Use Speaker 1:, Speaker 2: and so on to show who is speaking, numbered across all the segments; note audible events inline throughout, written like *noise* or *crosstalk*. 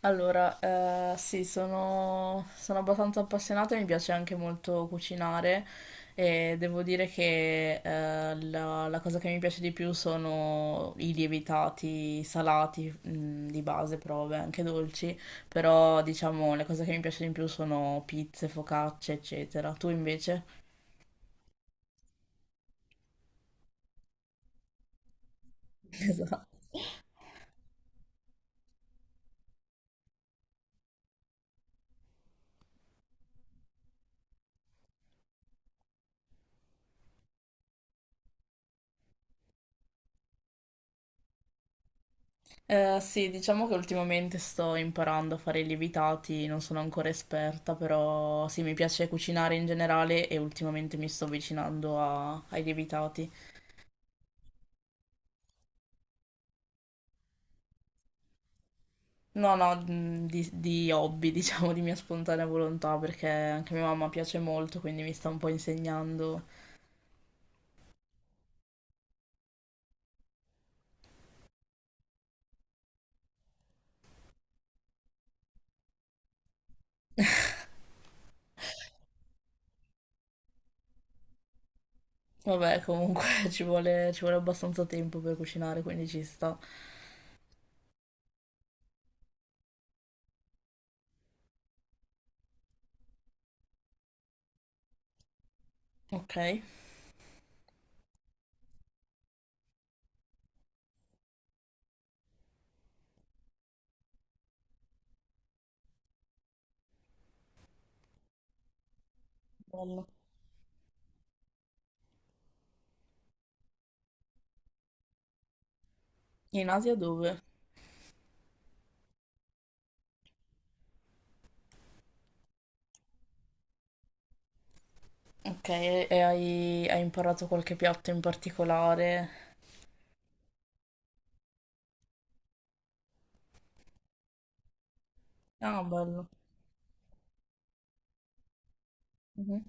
Speaker 1: Allora, sì, sono abbastanza appassionata e mi piace anche molto cucinare e devo dire che la cosa che mi piace di più sono i lievitati salati, di base, però vabbè, anche dolci, però diciamo le cose che mi piacciono di più sono pizze, focacce, eccetera. Tu invece? *laughs* Esatto. Sì, diciamo che ultimamente sto imparando a fare i lievitati, non sono ancora esperta, però sì, mi piace cucinare in generale e ultimamente mi sto avvicinando ai lievitati. No, no, di hobby, *laughs* diciamo, di mia spontanea volontà, perché anche mia mamma piace molto, quindi mi sta un po' insegnando. Vabbè, comunque *laughs* ci vuole abbastanza tempo per cucinare, quindi ci sta. Ok, bello. In Asia dove? Ok, e hai imparato qualche piatto in particolare? Ah, bello. Mhm.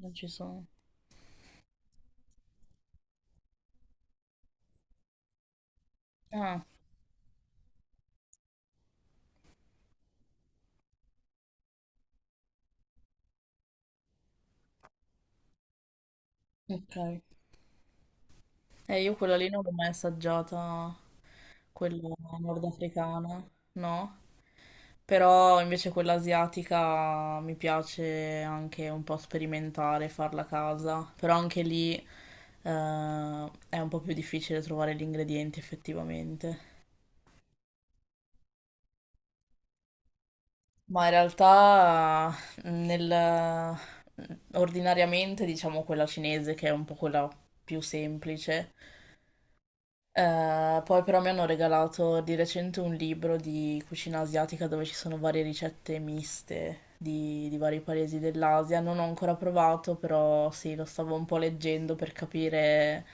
Speaker 1: Non ci sono. Ah, ok. Io quella lì non l'ho mai assaggiata, quella nordafricana, no? Però invece quella asiatica mi piace anche un po' sperimentare, farla a casa. Però anche lì è un po' più difficile trovare gli ingredienti effettivamente. Ma in realtà nel, ordinariamente diciamo quella cinese che è un po' quella più semplice. Poi però mi hanno regalato di recente un libro di cucina asiatica dove ci sono varie ricette miste di vari paesi dell'Asia. Non ho ancora provato, però sì, lo stavo un po' leggendo per capire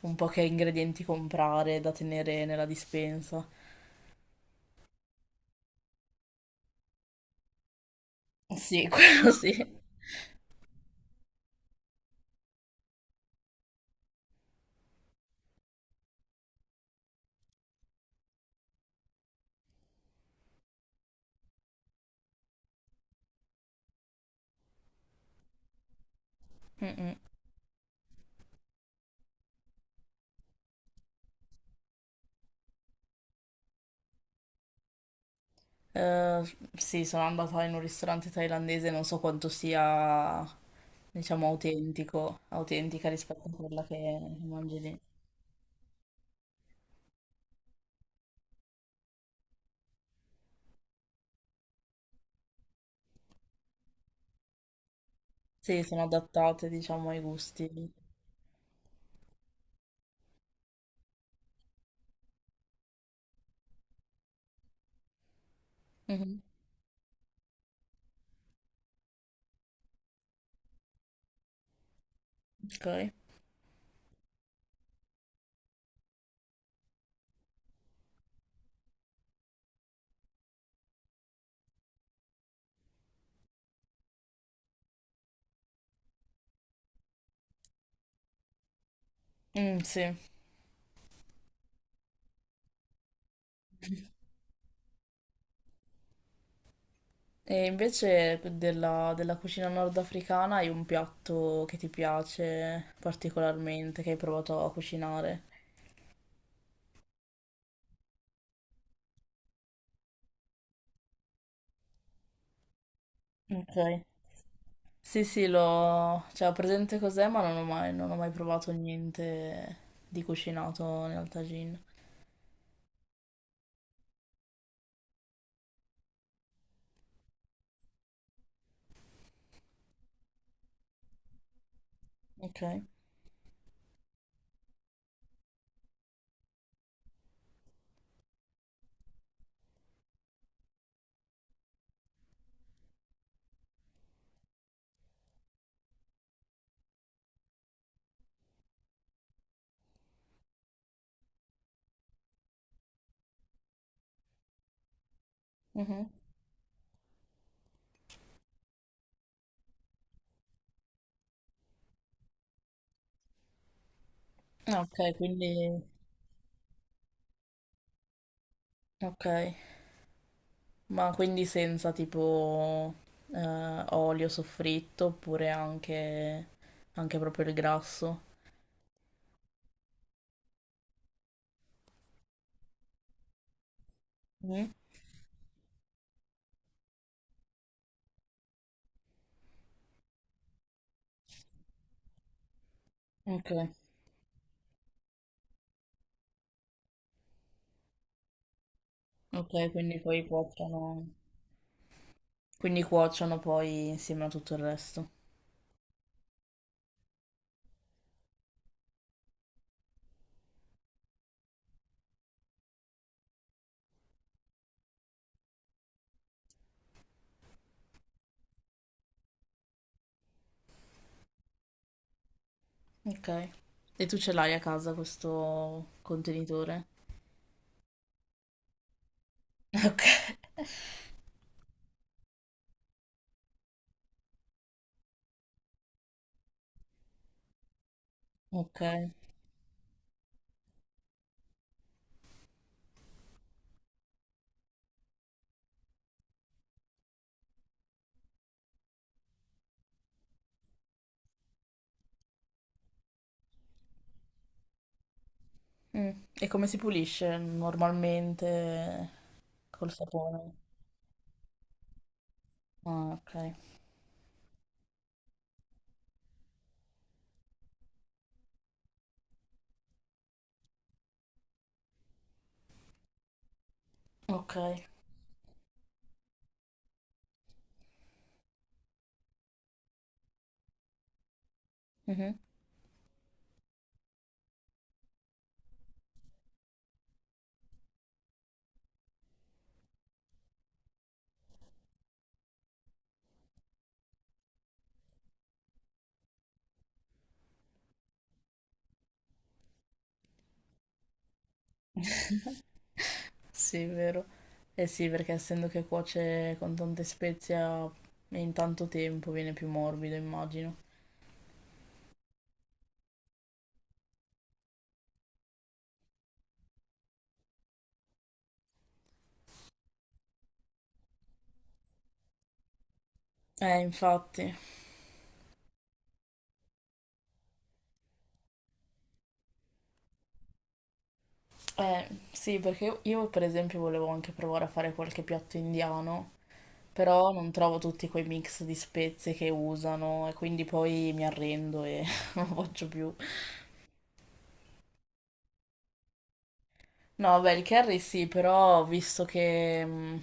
Speaker 1: un po' che ingredienti comprare da tenere nella dispensa. Sì, *laughs* quello sì. Mm-mm. Eh, sì, sono andata in un ristorante thailandese, non so quanto sia, diciamo, autentico, autentica rispetto a quella che mangi lì. Sì, sono adattate, diciamo, ai gusti. Mhm. Ok. Mm, sì. E invece della cucina nordafricana hai un piatto che ti piace particolarmente, che hai provato a cucinare? Ok. Sì, sì, l'ho... Cioè, ho presente cos'è, ma non ho mai provato niente di cucinato nel tagine. Ok. Mhm. Ah, ok, quindi... Ok. Ma quindi senza tipo olio soffritto oppure anche, anche proprio il grasso? Mm? Ok, ok, quindi poi cuociono, quindi cuociono poi insieme a tutto il resto. Ok. E tu ce l'hai a casa questo contenitore? *laughs* Ok. Ok. Mm. E come si pulisce normalmente col sapone? Ah, ok. Ok. Mhm. *laughs* Sì, vero. Eh sì, perché essendo che cuoce con tante spezie in tanto tempo viene più morbido, immagino. Infatti. Sì, perché io, per esempio volevo anche provare a fare qualche piatto indiano, però non trovo tutti quei mix di spezie che usano e quindi poi mi arrendo e *laughs* non lo faccio più. No, beh, il curry sì, però visto che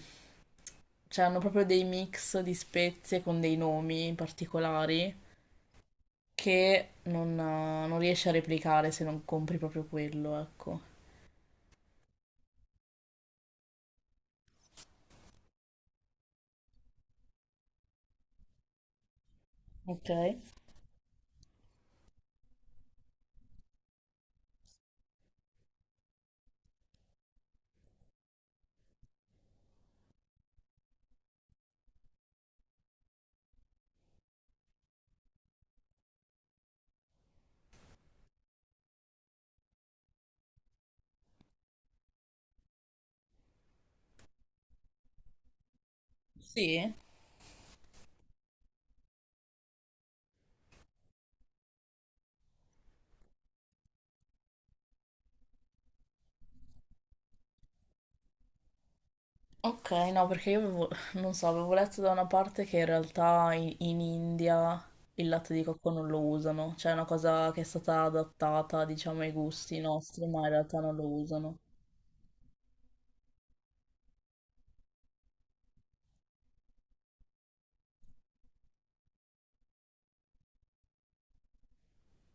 Speaker 1: cioè, hanno proprio dei mix di spezie con dei nomi particolari. Che non riesci a replicare se non compri proprio quello, ecco. Ok. Sì. Ok, no, perché io avevo, *laughs* non so, avevo letto da una parte che in realtà in India il latte di cocco non lo usano, cioè è una cosa che è stata adattata, diciamo, ai gusti nostri, ma in realtà non lo usano.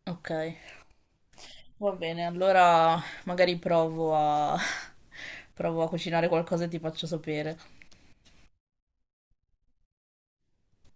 Speaker 1: Ok, va bene, allora magari provo a, *laughs* provo a cucinare qualcosa e ti faccio sapere.